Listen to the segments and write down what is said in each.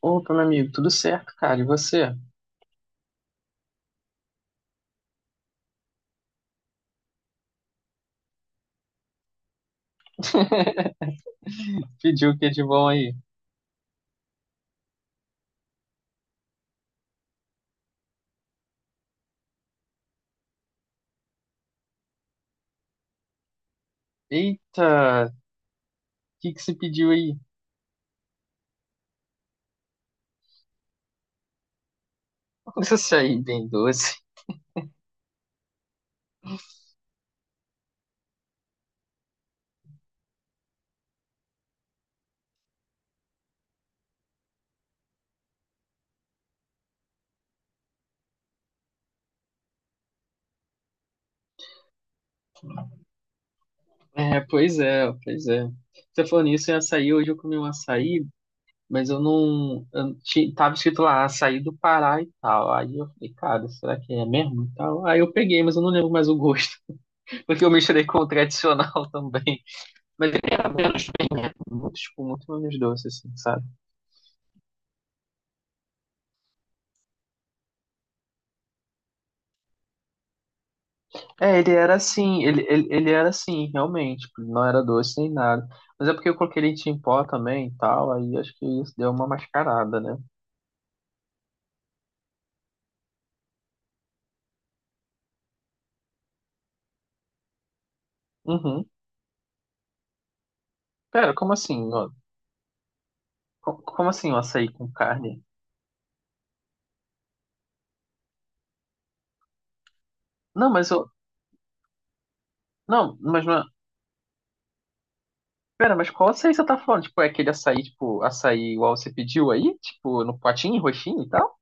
Opa, meu amigo, tudo certo, cara? E você? Pediu o que de bom aí? Eita, o que que você pediu aí? Um açaí bem doce. É, pois é, pois é. Você falou nisso em açaí, hoje eu comi um açaí, mas eu não. Tava escrito lá, açaí do Pará e tal. Aí eu falei, cara, será que é mesmo? E tal. Aí eu peguei, mas eu não lembro mais o gosto, porque eu misturei com o tradicional também. Mas ele era menos bem, né? Muito, tipo, muito menos doce, assim, sabe? É, ele era assim, ele era assim, realmente, tipo, ele não era doce nem nada. Mas é porque eu coloquei leite em pó também e tal, aí acho que isso deu uma mascarada, né? Uhum. Pera, como assim? Ó? Como assim o açaí com carne? Não, mas eu. Não, mas não. É, pera, mas qual açaí você tá falando? Tipo, é aquele açaí, tipo, açaí igual você pediu aí? Tipo, no potinho, roxinho e tal?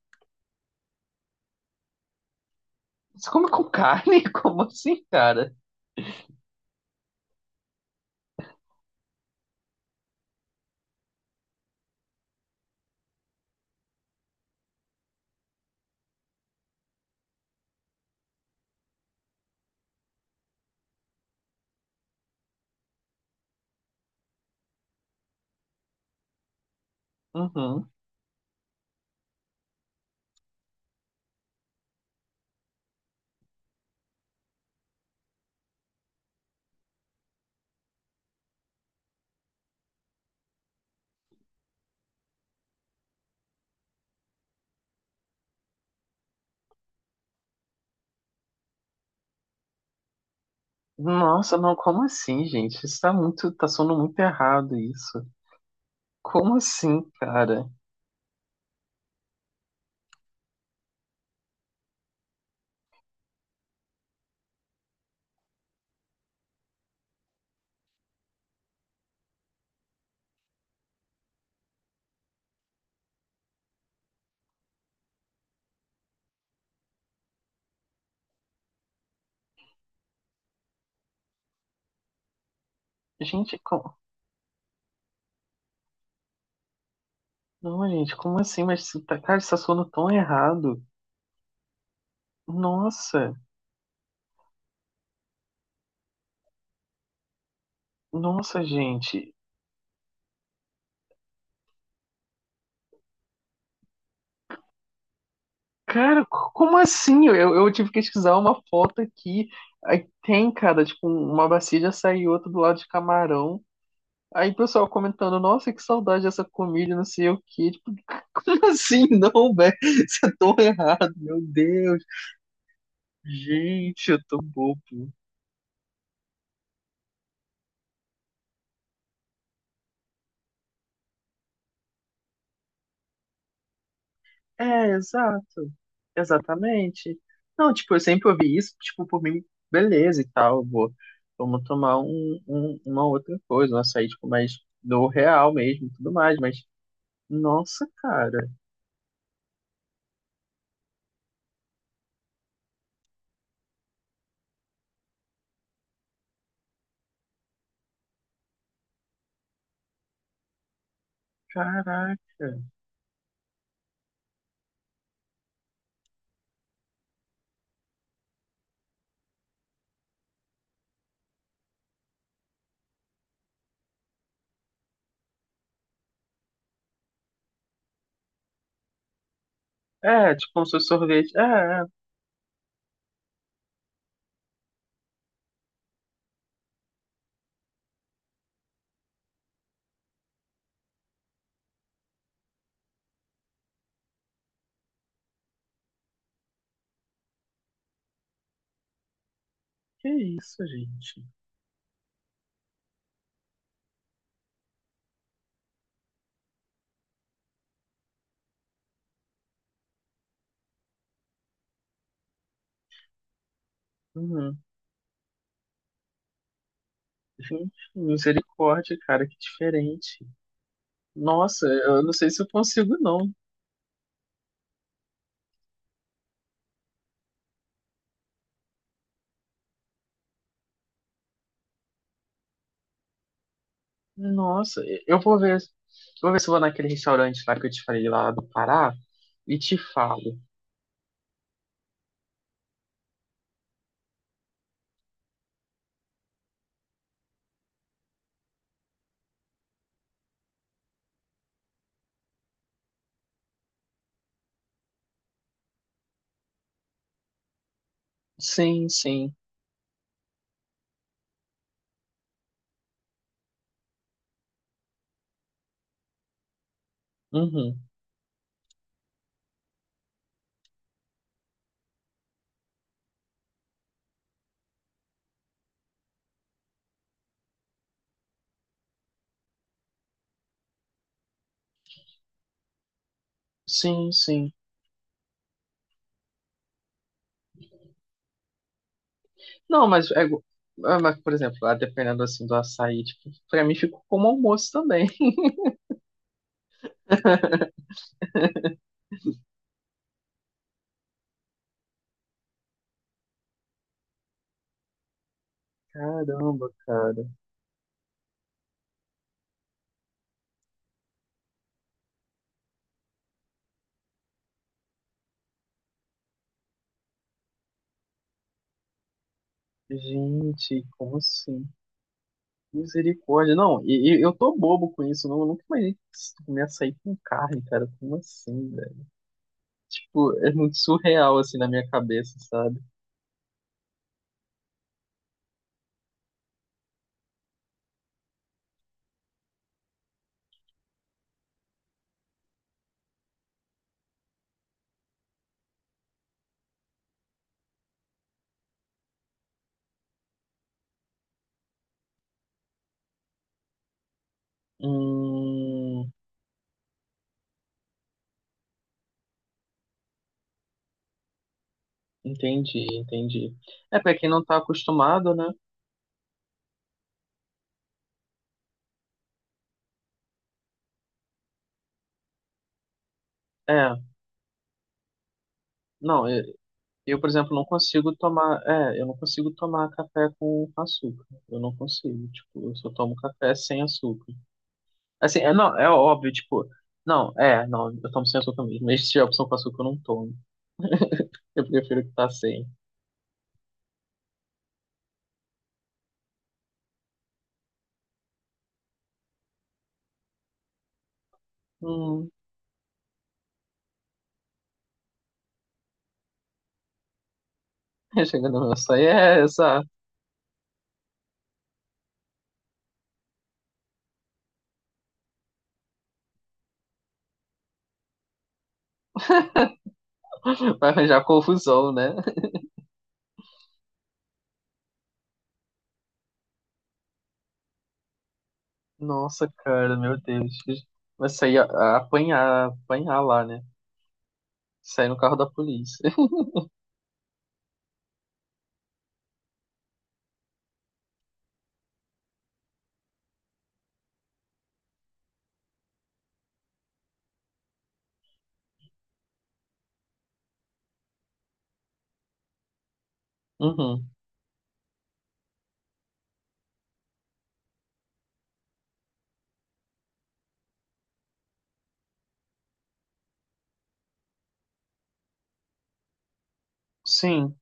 Você come com carne? Como assim, cara? Uhum. Nossa, não, como assim, gente? Isso tá muito, tá soando muito errado isso. Como assim, cara? Gente, como... Não, gente, como assim? Mas, cara, você tá soando tão errado. Nossa, nossa, gente. Cara, como assim? Eu tive que pesquisar uma foto aqui. Aí tem, cara, tipo, um, uma bacia de açaí e outra do lado de camarão. Aí o pessoal comentando, nossa, que saudade dessa comida, não sei o quê. Tipo, como assim? Não, velho, você é tão errado, meu Deus. Gente, eu tô bobo. É, exato. Exatamente. Não, tipo, eu sempre ouvi isso, tipo, por mim, beleza e tal, vou, vamos tomar uma outra coisa, um açaí, tipo, mais do real mesmo, e tudo mais, mas, nossa, cara, caraca. É, tipo, como se fosse sorvete. É, é, que isso, gente. Uhum. Gente, misericórdia, cara, que diferente. Nossa, eu não sei se eu consigo, não. Nossa, eu vou ver se eu vou naquele restaurante lá que eu te falei lá do Pará e te falo. Sim, sim. Uhum. Sim, sim. Não, mas é, igu- Ah, mas, por exemplo, lá dependendo assim do açaí, tipo, pra mim ficou como almoço também. Caramba, cara. Gente, como assim? Misericórdia. Não, e eu tô bobo com isso. Não, eu nunca imaginei comer açaí com carne, cara. Como assim, velho? Tipo, é muito surreal assim na minha cabeça, sabe? Hum. Entendi, entendi. É, pra quem não tá acostumado, né? É, não, eu, por exemplo, não consigo tomar, é, eu não consigo tomar café com açúcar. Eu não consigo, tipo, eu só tomo café sem açúcar. Assim, é, não, é óbvio, tipo, não, é, não, eu tomo sem açúcar mesmo. Mas se tiver opção com açúcar, eu não tomo. Eu prefiro que tá sem. Hum, chegando no meu sonho, é essa, vai arranjar confusão, né? Nossa, cara, meu Deus. Vai sair a apanhar, apanhar lá, né? Sair no carro da polícia. Uhum. Sim,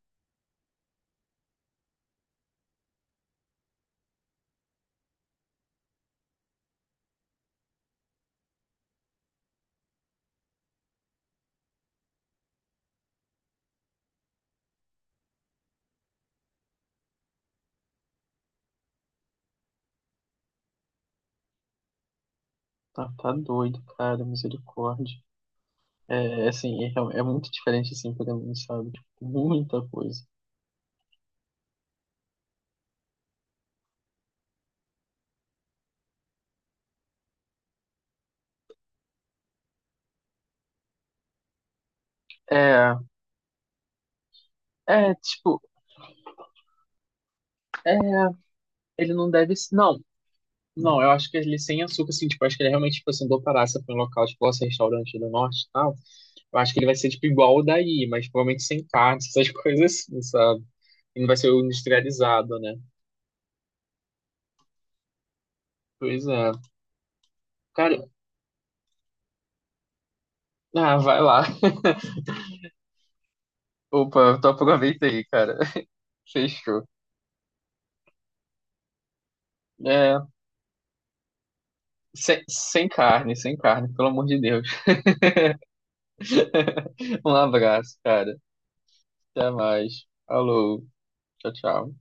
tá, tá doido, cara, misericórdia. É, assim, é, é muito diferente, assim, pra mim, sabe? Tipo, muita coisa. É, é, tipo, é, ele não deve... se- Não, não, eu acho que ele sem açúcar, assim, tipo, acho que ele realmente, tipo, assim, do Pará, se for um local, tipo, nosso restaurante do norte e tal, eu acho que ele vai ser, tipo, igual o daí, mas provavelmente sem carne, essas coisas assim, sabe? E não vai ser o industrializado, né? Pois é. Cara, ah, vai lá. Opa, eu tô aproveita aí, cara. Fechou. É, sem sem carne, sem carne, pelo amor de Deus. Um abraço, cara. Até mais. Falou. Tchau, tchau.